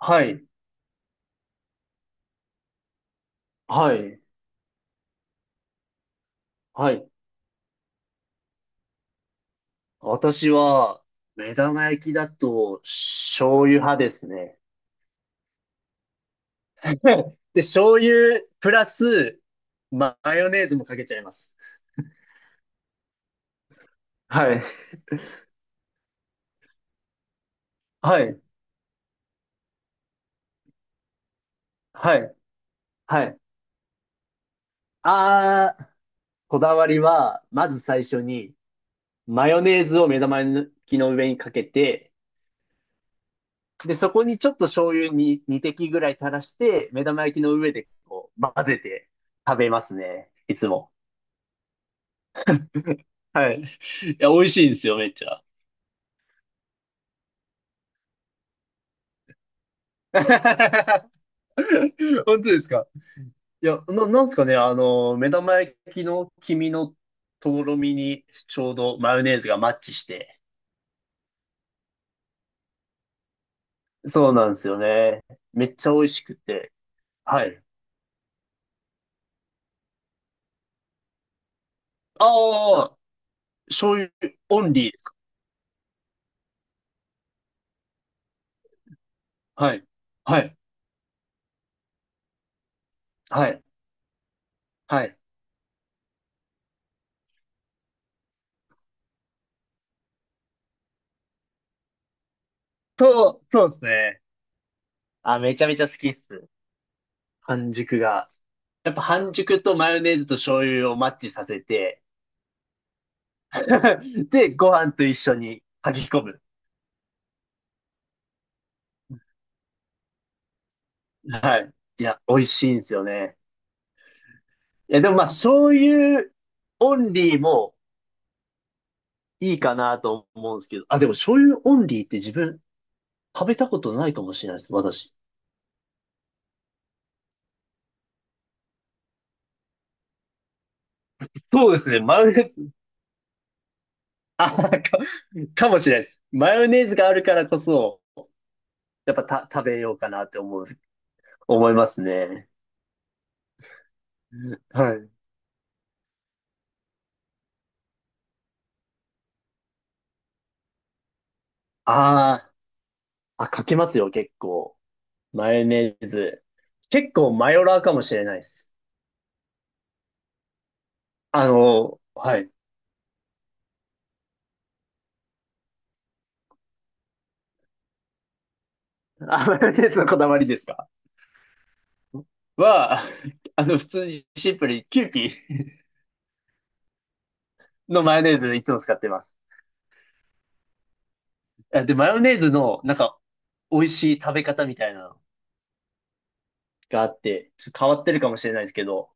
はい、はい、はい。私は、目玉焼きだと、醤油派ですね。で、醤油プラス、マヨネーズもかけちゃいます。はい、はい、はい、はい。あー、こだわりは、まず最初に、マヨネーズを目玉焼きの上にかけて、で、そこにちょっと醤油に2滴ぐらい垂らして、目玉焼きの上でこう混ぜて食べますね。いつも。はい。いや、美味しいんですよ、めっちゃ。本当ですか？いや、なんすかね、目玉焼きの黄身のとろみにちょうどマヨネーズがマッチして。そうなんですよね。めっちゃ美味しくて。はい。ああ、醤油オンリーですか？はい。はい。はい。はい。そうですね。あ、めちゃめちゃ好きっす。半熟が。やっぱ半熟とマヨネーズと醤油をマッチさせて、で、ご飯と一緒に炊き込む。はい。いや、美味しいんですよね。いや、でもまあ、醤油オンリーもいいかなと思うんですけど、あ、でも醤油オンリーって自分食べたことないかもしれないです、私。そうですね、マヨネーズ。あ、かもしれないです。マヨネーズがあるからこそ、やっぱ食べようかなって思いますね。はい。あーあ、かけますよ、結構。マヨネーズ。結構マヨラーかもしれないです。はい。あ、マヨネーズのこだわりですか？は、普通にシンプルにキューピーのマヨネーズいつも使ってます。あで、マヨネーズの、なんか、美味しい食べ方みたいなのがあって、ちょっと変わってるかもしれないですけど、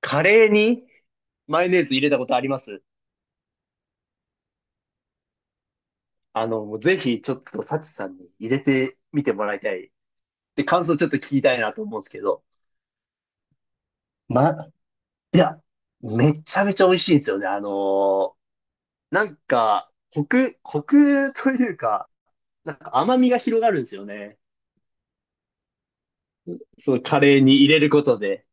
カレーにマヨネーズ入れたことあります？もうぜひ、ちょっと、サチさんに入れてみてもらいたい。で、感想ちょっと聞きたいなと思うんですけど、ま、いや、めちゃめちゃ美味しいんですよね。なんか、コクというか、なんか甘みが広がるんですよね。そのカレーに入れることで。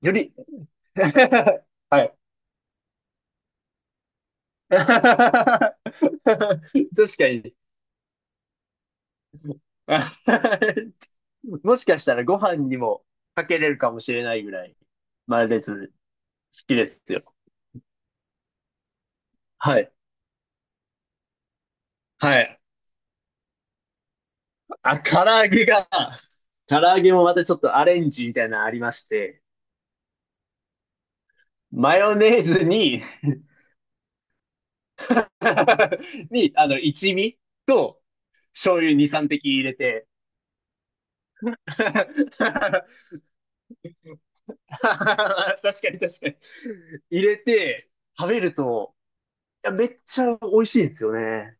より、はい。確かに。もしかしたらご飯にもかけれるかもしれないぐらい、マレ好きですよ。はい。はい。あ、唐揚げもまたちょっとアレンジみたいなのありまして、マヨネーズに 一味と、醤油2、3滴入れて。確かに確かに。入れて、食べると、いや、めっちゃ美味しいんですよね。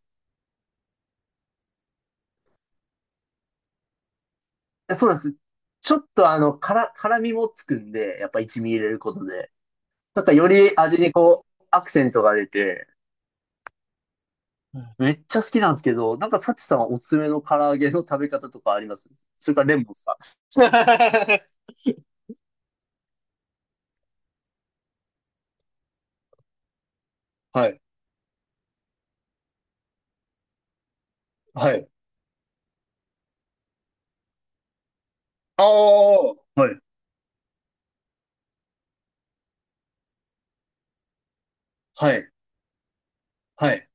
いやそうなんです。ちょっと辛みもつくんで、やっぱ一味入れることで。なんかより味にこう、アクセントが出て、うんめっちゃ好きなんですけど、なんかサチさんはおすすめの唐揚げの食べ方とかあります？それからレモンですか？ はい。はい。ああ、はい。はい。はい。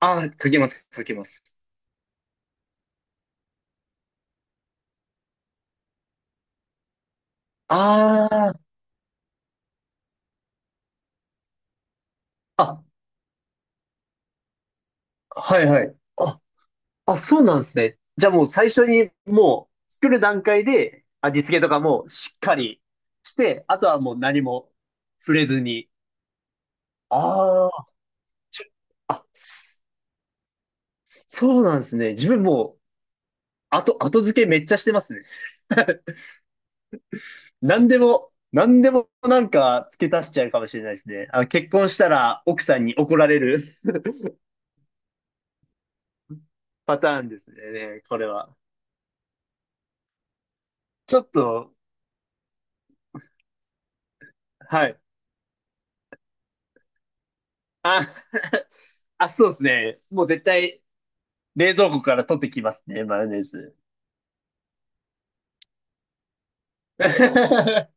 ああ、かけます、かけます。ああ、あ、はいはい。あ、あ、そうなんですね。じゃあもう最初にもう作る段階で味付けとかもしっかりして、あとはもう何も触れずに。ああ、ちょあ、そそうなんですね。自分もう後付けめっちゃしてますね。何でも、何でもなんか付け足しちゃうかもしれないですね。結婚したら奥さんに怒られる パターンですね、これは。ちょっと、はい。あ、あ、そうですね。もう絶対冷蔵庫から取ってきますね、マヨネーズ。確か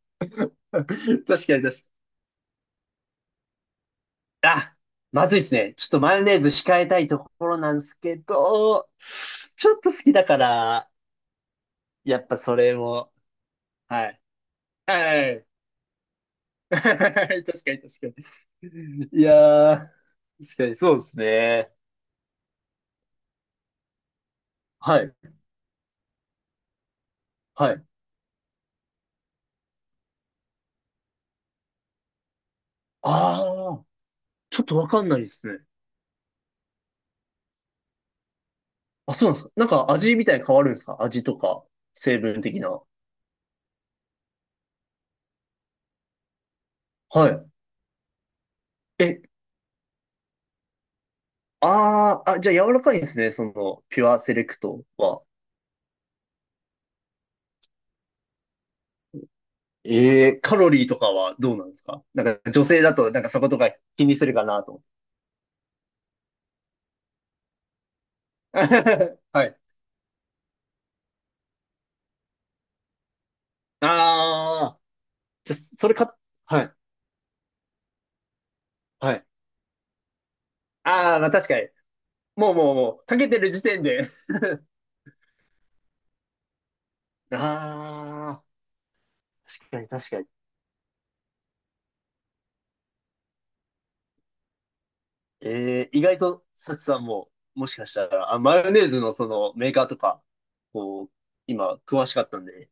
に確かに。あ、まずいですね。ちょっとマヨネーズ控えたいところなんですけど、ちょっと好きだから、やっぱそれも、はい。はい。確かに確かに。いやー、確かにそうですね。はい。はい。あー、ちょっとわかんないですね。あ、そうなんですか。なんか味みたいに変わるんですか？味とか、成分的な。はい。え、あー、あ、じゃあ柔らかいんですね。その、ピュアセレクトは。カロリーとかはどうなんですか？なんか女性だと、なんかそことか気にするかなと思って。はい。あー、じゃ、それか、はい、はい。あー、まあ確かに。もうもうもう、かけてる時点で。あー、確かに確かに。意外と、サチさんも、もしかしたら、あ、マヨネーズのそのメーカーとか、こう、今、詳しかったんで。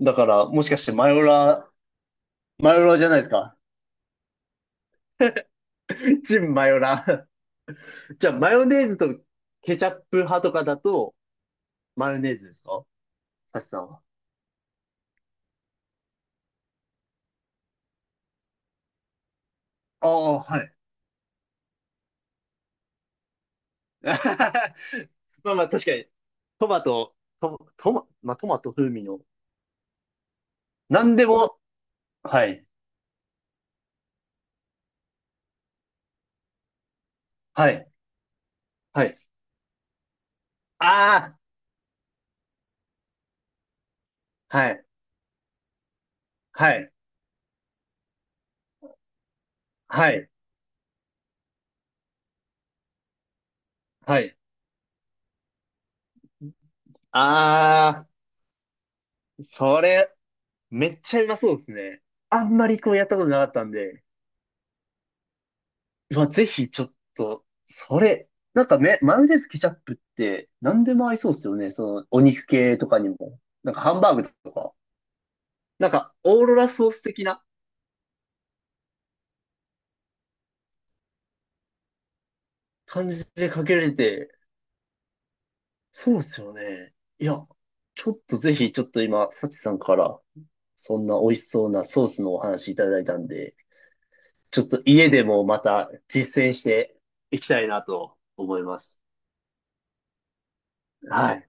だから、もしかしてマヨラーじゃないですか。チンマヨラー。じゃあ、マヨネーズとケチャップ派とかだと、マヨネーズですか？サチさんは。ああ、はい。まあまあ、確かに、トマト、まあ、トマト風味の、なんでも、はい、はい、はい。ああ、はい、はい、はい、はい。あー、それ、めっちゃうまそうですね。あんまりこうやったことなかったんで、うわ、ぜひちょっと、それ、なんかマヨネーズケチャップって何でも合いそうですよね。その、お肉系とかにも。なんかハンバーグとか。なんか、オーロラソース的な感じでかけられて、そうですよね。いや、ちょっとぜひ、ちょっと今、サチさんから、そんな美味しそうなソースのお話いただいたんで、ちょっと家でもまた実践していきたいなと思います。はい。